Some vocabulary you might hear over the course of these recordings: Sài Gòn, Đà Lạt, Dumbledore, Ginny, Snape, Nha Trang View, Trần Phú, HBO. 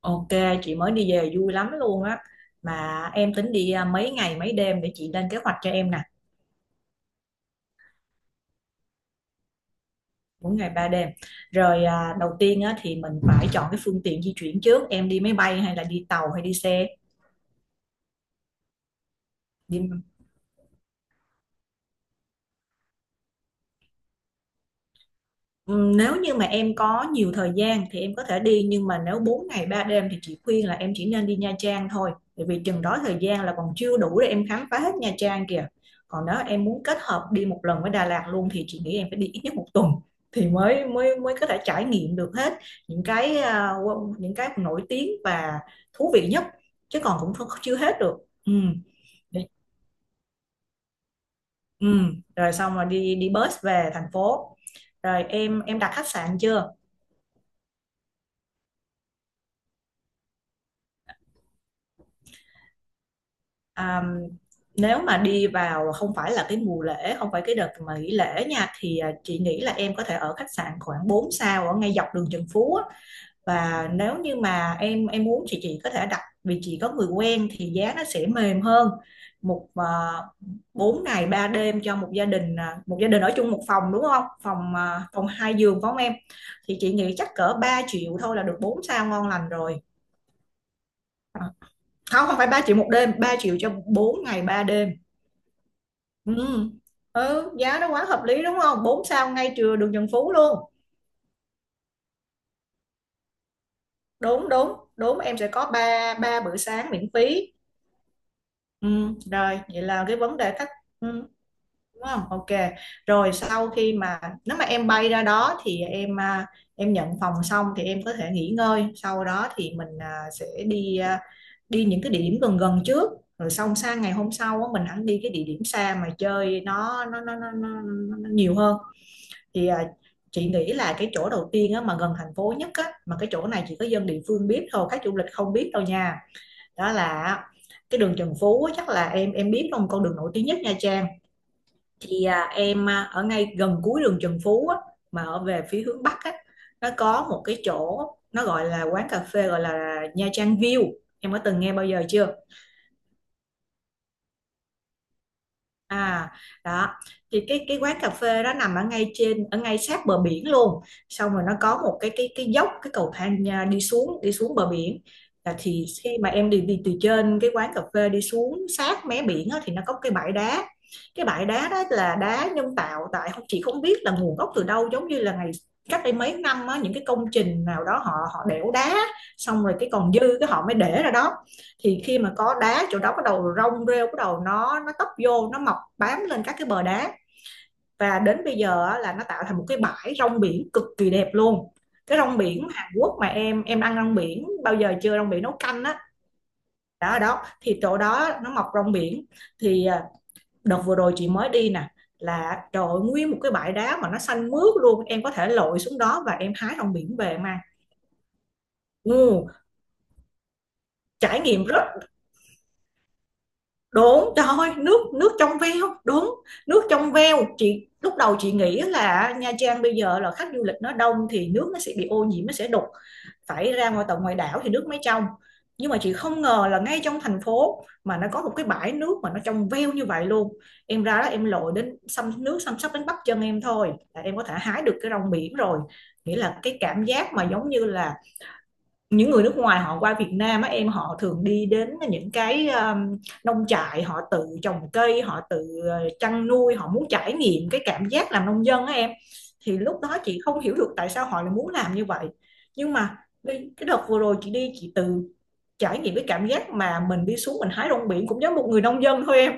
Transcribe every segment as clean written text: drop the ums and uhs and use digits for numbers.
Ok, chị mới đi về vui lắm luôn á. Mà em tính đi à, mấy ngày mấy đêm để chị lên kế hoạch cho em nè, mỗi ngày 3 đêm. Rồi à, đầu tiên á, thì mình phải chọn cái phương tiện di chuyển trước, em đi máy bay hay là đi tàu hay đi xe? Đi Nếu như mà em có nhiều thời gian thì em có thể đi, nhưng mà nếu 4 ngày 3 đêm thì chị khuyên là em chỉ nên đi Nha Trang thôi, bởi vì chừng đó thời gian là còn chưa đủ để em khám phá hết Nha Trang kìa. Còn nếu em muốn kết hợp đi một lần với Đà Lạt luôn thì chị nghĩ em phải đi ít nhất một tuần thì mới mới mới có thể trải nghiệm được hết những cái những cái nổi tiếng và thú vị nhất. Chứ còn cũng chưa hết được. Ừm, để- Rồi xong rồi đi đi bus về thành phố. Rồi em đặt khách sạn chưa? À, nếu mà đi vào không phải là cái mùa lễ, không phải cái đợt mà nghỉ lễ nha, thì à, chị nghĩ là em có thể ở khách sạn khoảng 4 sao ở ngay dọc đường Trần Phú á. Và nếu như mà em muốn thì chị có thể đặt, vì chị có người quen thì giá nó sẽ mềm hơn. Một à, 4 ngày 3 đêm cho một gia đình ở chung một phòng đúng không? Phòng hai giường phải không em? Thì chị nghĩ chắc cỡ 3 triệu thôi là được 4 sao ngon lành rồi. À, không, không phải 3 triệu 1 đêm, 3 triệu cho 4 ngày 3 đêm. Ừ. Ừ, giá nó quá hợp lý đúng không, 4 sao ngay trưa đường Trần Phú luôn. Đúng đúng đúng, em sẽ có ba ba bữa sáng miễn phí. Ừ, rồi vậy là cái vấn đề khách. Ừ, đúng không, ok. Rồi sau khi mà nếu mà em bay ra đó thì em nhận phòng xong thì em có thể nghỉ ngơi, sau đó thì sẽ đi những cái địa điểm gần gần trước, rồi xong sang ngày hôm sau á, mình hẳn đi cái địa điểm xa mà chơi nó nhiều hơn. Thì à, chị nghĩ là cái chỗ đầu tiên á, mà gần thành phố nhất á, mà cái chỗ này chỉ có dân địa phương biết thôi, khách du lịch không biết đâu nha. Đó là cái đường Trần Phú á, chắc là em biết không, con đường nổi tiếng nhất Nha Trang. Thì à, em à, ở ngay gần cuối đường Trần Phú á, mà ở về phía hướng Bắc á, nó có một cái chỗ, nó gọi là quán cà phê gọi là Nha Trang View. Em có từng nghe bao giờ chưa? À, đó. Thì cái quán cà phê đó nằm ở ngay trên, ở ngay sát bờ biển luôn. Xong rồi nó có một cái dốc, cái cầu thang à, đi xuống, đi xuống bờ biển. Là thì khi mà em đi đi từ trên cái quán cà phê đi xuống sát mé biển á, thì nó có cái bãi đá. Cái bãi đá đó là đá nhân tạo, tại không, chị không biết là nguồn gốc từ đâu, giống như là ngày cách đây mấy năm á, những cái công trình nào đó họ họ đẽo đá, xong rồi cái còn dư cái họ mới để ra đó. Thì khi mà có đá, chỗ đó bắt đầu rong rêu, bắt đầu nó tấp vô, nó mọc bám lên các cái bờ đá. Và đến bây giờ á, là nó tạo thành một cái bãi rong biển cực kỳ đẹp luôn. Cái rong biển Hàn Quốc mà em ăn rong biển bao giờ chưa, rong biển nấu canh á. Đó, ở đó thì chỗ đó nó mọc rong biển. Thì à, đợt vừa rồi chị mới đi nè, là trời ơi, nguyên một cái bãi đá mà nó xanh mướt luôn, em có thể lội xuống đó và em hái rong biển về mà. Ừ, trải nghiệm rất đúng, trời ơi, nước nước trong veo, đúng, nước trong veo. Chị lúc đầu chị nghĩ là Nha Trang bây giờ là khách du lịch nó đông thì nước nó sẽ bị ô nhiễm, nó sẽ đục, phải ra ngoài tận ngoài đảo thì nước mới trong. Nhưng mà chị không ngờ là ngay trong thành phố mà nó có một cái bãi nước mà nó trong veo như vậy luôn. Em ra đó em lội đến xăm nước, xăm sắp đến bắp chân em thôi là em có thể hái được cái rong biển rồi. Nghĩa là cái cảm giác mà giống như là những người nước ngoài họ qua Việt Nam á em, họ thường đi đến những cái nông trại, họ tự trồng cây, họ tự chăn nuôi, họ muốn trải nghiệm cái cảm giác làm nông dân á em. Thì lúc đó chị không hiểu được tại sao họ lại muốn làm như vậy. Nhưng mà cái đợt vừa rồi chị đi, chị tự trải nghiệm cái cảm giác mà mình đi xuống, mình hái rong biển, cũng giống một người nông dân thôi em.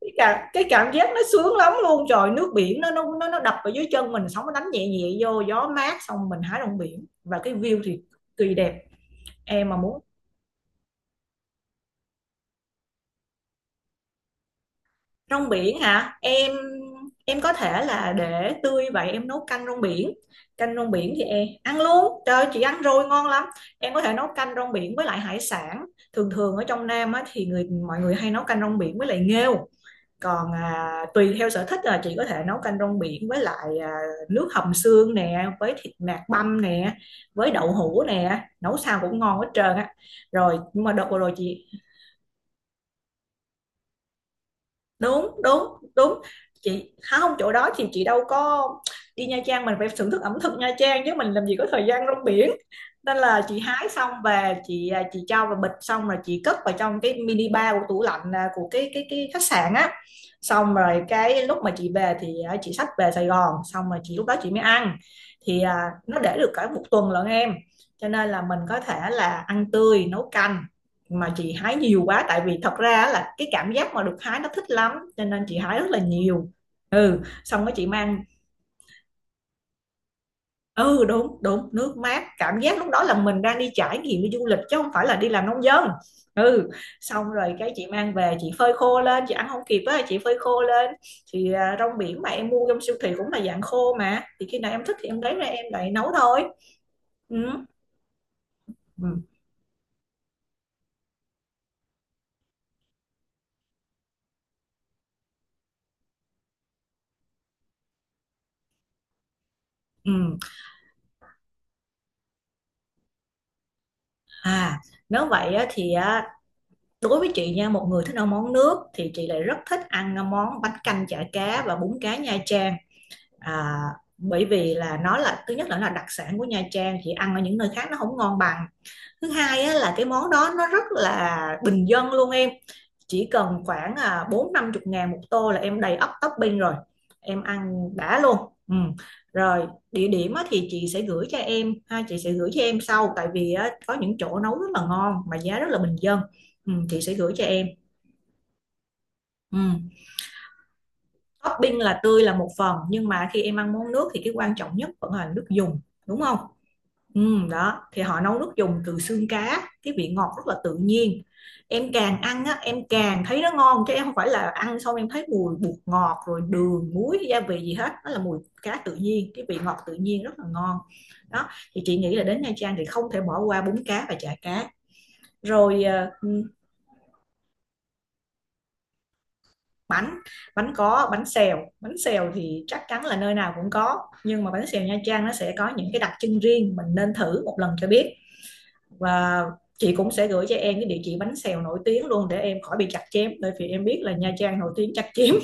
Cái cảm giác nó sướng lắm luôn, trời, nước biển nó đập vào dưới chân mình, sóng nó đánh nhẹ nhẹ vô, gió mát, xong mình hái rong biển và cái view thì kỳ đẹp. Em mà muốn rong biển hả? Em có thể là để tươi vậy em nấu canh rong biển. Canh rong biển thì em ăn luôn. Trời ơi, chị ăn rồi ngon lắm. Em có thể nấu canh rong biển với lại hải sản. Thường thường ở trong Nam á, thì người mọi người hay nấu canh rong biển với lại nghêu. Còn à, tùy theo sở thích là chị có thể nấu canh rong biển với lại à, nước hầm xương nè, với thịt nạc băm nè, với đậu hũ nè, nấu sao cũng ngon hết trơn á. Rồi nhưng mà đợt vừa rồi chị, đúng đúng đúng, chị hả, không, chỗ đó thì chị đâu có, đi Nha Trang mình phải thưởng thức ẩm thực Nha Trang chứ, mình làm gì có thời gian rong biển. Nên là chị hái xong về chị à, chị cho vào bịch xong rồi chị cất vào trong cái mini bar của tủ lạnh à, của cái cái khách sạn á. Xong rồi cái lúc mà chị về thì à, chị xách về Sài Gòn, xong rồi chị, lúc đó chị mới ăn. Thì à, nó để được cả một tuần lận em. Cho nên là mình có thể là ăn tươi nấu canh. Mà chị hái nhiều quá, tại vì thật ra là cái cảm giác mà được hái nó thích lắm, cho nên chị hái rất là nhiều. Ừ, xong cái chị mang. Ừ, đúng đúng, nước mát, cảm giác lúc đó là mình đang đi trải nghiệm đi du lịch chứ không phải là đi làm nông dân. Ừ, xong rồi cái chị mang về chị phơi khô lên, chị ăn không kịp á, chị phơi khô lên. Thì à, rong biển mà em mua trong siêu thị cũng là dạng khô mà, thì khi nào em thích thì em lấy ra em lại nấu thôi. Ừ. Ừ. Ừ. À, nếu vậy á, thì á, đối với chị nha, một người thích ăn món nước thì chị lại rất thích ăn món bánh canh chả cá và bún cá Nha Trang. À, bởi vì là nó là, thứ nhất là nó là đặc sản của Nha Trang, chị ăn ở những nơi khác nó không ngon bằng. Thứ hai á, là cái món đó nó rất là bình dân luôn em. Chỉ cần khoảng à, 40-50 ngàn một tô là em đầy ắp topping rồi. Em ăn đã luôn. Ừ. Rồi địa điểm á, thì chị sẽ gửi cho em ha, chị sẽ gửi cho em sau, tại vì á, có những chỗ nấu rất là ngon mà giá rất là bình dân. Ừ, chị sẽ gửi cho em. Ừ. Topping là tươi là một phần nhưng mà khi em ăn món nước thì cái quan trọng nhất vẫn là nước dùng đúng không? Ừ, đó thì họ nấu nước dùng từ xương cá, cái vị ngọt rất là tự nhiên. Em càng ăn á em càng thấy nó ngon, chứ em không phải là ăn xong em thấy mùi bột ngọt rồi đường muối gia vị gì hết. Nó là mùi cá tự nhiên, cái vị ngọt tự nhiên rất là ngon. Đó thì chị nghĩ là đến Nha Trang thì không thể bỏ qua bún cá và chả cá rồi. Ờ, bánh bánh có bánh xèo. Bánh xèo thì chắc chắn là nơi nào cũng có, nhưng mà bánh xèo Nha Trang nó sẽ có những cái đặc trưng riêng, mình nên thử một lần cho biết. Và chị cũng sẽ gửi cho em cái địa chỉ bánh xèo nổi tiếng luôn để em khỏi bị chặt chém, bởi vì em biết là Nha Trang nổi tiếng chặt chém.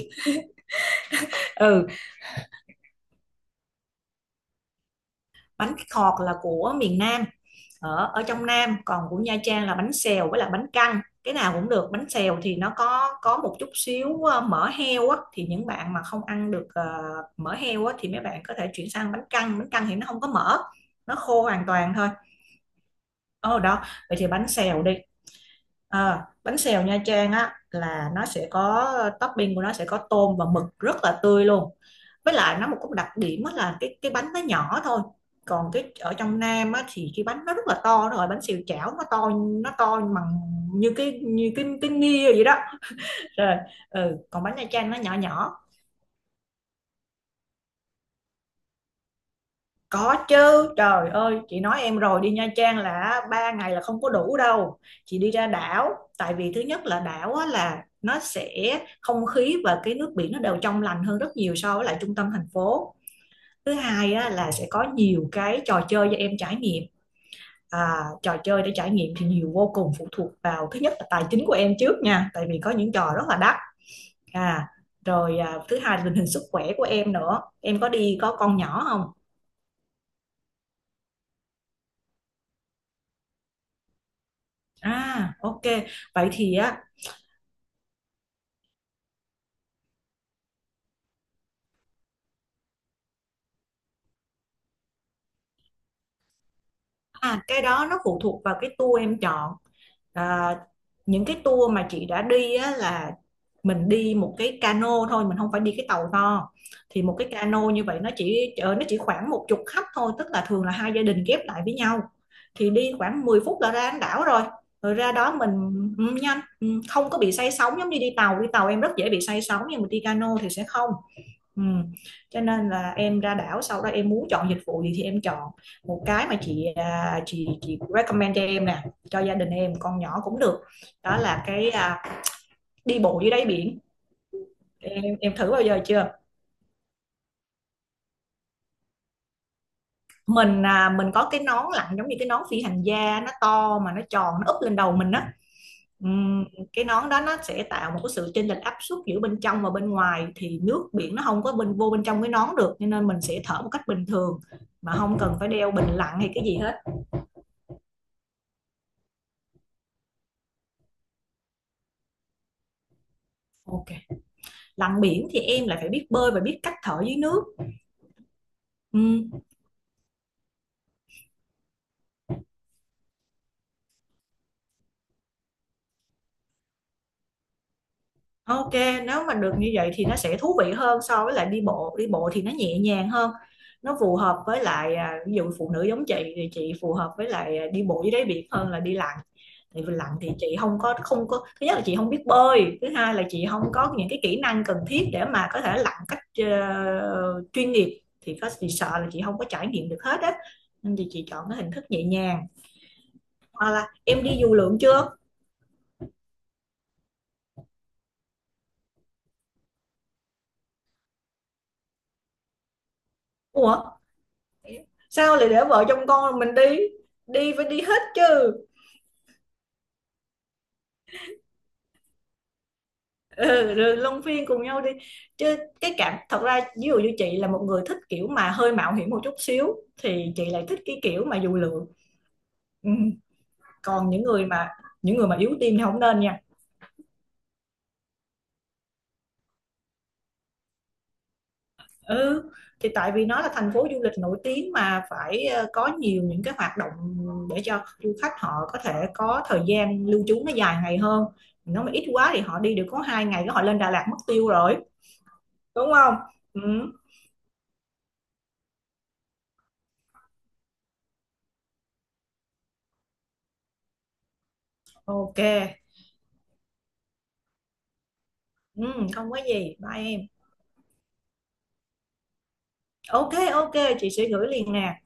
Ừ, bánh khọt là của miền Nam, ở ở trong Nam, còn của Nha Trang là bánh xèo với là bánh căn, cái nào cũng được. Bánh xèo thì nó có một chút xíu mỡ heo á, thì những bạn mà không ăn được mỡ heo á thì mấy bạn có thể chuyển sang bánh căn. Bánh căn thì nó không có mỡ, nó khô hoàn toàn thôi. Ờ Đó, vậy thì bánh xèo đi. Bánh xèo Nha Trang á là nó sẽ có topping của nó sẽ có tôm và mực rất là tươi luôn. Với lại nó một cái đặc điểm á là cái bánh nó nhỏ thôi, còn cái ở trong Nam á thì cái bánh nó rất là to. Rồi bánh xèo chảo nó to, nó to bằng như cái nia vậy đó. Rồi ừ, còn bánh Nha Trang nó nhỏ nhỏ. Có chứ, trời ơi, chị nói em rồi đi Nha Trang là 3 ngày là không có đủ đâu. Chị đi ra đảo, tại vì thứ nhất là đảo á, là nó sẽ không khí và cái nước biển nó đều trong lành hơn rất nhiều so với lại trung tâm thành phố. Thứ hai á, là sẽ có nhiều cái trò chơi cho em trải nghiệm. À, trò chơi để trải nghiệm thì nhiều vô cùng, phụ thuộc vào thứ nhất là tài chính của em trước nha, tại vì có những trò rất là đắt. À, rồi à, thứ hai là tình hình sức khỏe của em nữa. Em có có con nhỏ không? À, ok. Vậy thì á. À, cái đó nó phụ thuộc vào cái tour em chọn. À, những cái tour mà chị đã đi á, là mình đi một cái cano thôi, mình không phải đi cái tàu to. Thì một cái cano như vậy nó chỉ khoảng một chục khách thôi, tức là thường là hai gia đình ghép lại với nhau. Thì đi khoảng 10 phút là ra đến đảo rồi. Rồi ra đó mình ừ, nhanh, ừ, không có bị say sóng giống như đi tàu. Đi tàu em rất dễ bị say sóng nhưng mà đi cano thì sẽ không. Ừ. Cho nên là em ra đảo sau đó em muốn chọn dịch vụ gì thì em chọn một cái mà chị à, chị chị recommend cho em nè, cho gia đình em con nhỏ cũng được. Đó là cái à, đi bộ dưới đáy biển. Em thử bao giờ chưa? Mình có cái nón lặn giống như cái nón phi hành gia nó to mà nó tròn nó úp lên đầu mình á. Ừm, cái nón đó nó sẽ tạo một cái sự chênh lệch áp suất giữa bên trong và bên ngoài, thì nước biển nó không có bên vô bên trong cái nón được, cho nên mình sẽ thở một cách bình thường mà không cần phải đeo bình lặn hay cái gì hết. Ok, lặn biển thì em lại phải biết bơi và biết cách thở dưới nước. Ừ. Ok, nếu mà được như vậy thì nó sẽ thú vị hơn so với lại đi bộ. Đi bộ thì nó nhẹ nhàng hơn, nó phù hợp với lại à, ví dụ phụ nữ giống chị thì chị phù hợp với lại à, đi bộ dưới đáy biển hơn là đi lặn. Tại vì lặn thì chị không có thứ nhất là chị không biết bơi, thứ hai là chị không có những cái kỹ năng cần thiết để mà có thể lặn cách chuyên nghiệp thì có chị sợ là chị không có trải nghiệm được hết á. Nên thì chị chọn cái hình thức nhẹ nhàng, hoặc là em đi dù lượn chưa? Ủa, sao lại để vợ chồng con mình đi, đi phải đi hết chứ. Ừ, rồi luân phiên cùng nhau đi chứ. Cái cảm thật ra ví dụ như chị là một người thích kiểu mà hơi mạo hiểm một chút xíu thì chị lại thích cái kiểu mà dù lượn. Ừ. Còn những người mà yếu tim thì không nên nha. Ừ, thì tại vì nó là thành phố du lịch nổi tiếng mà phải có nhiều những cái hoạt động để cho du khách họ có thể có thời gian lưu trú nó dài ngày hơn. Nó mà ít quá thì họ đi được có 2 ngày cái họ lên Đà Lạt mất tiêu rồi. Đúng không? Ừ, ok. Ừ, không có gì. Bye em. Ok ok, chị sẽ gửi liền nè.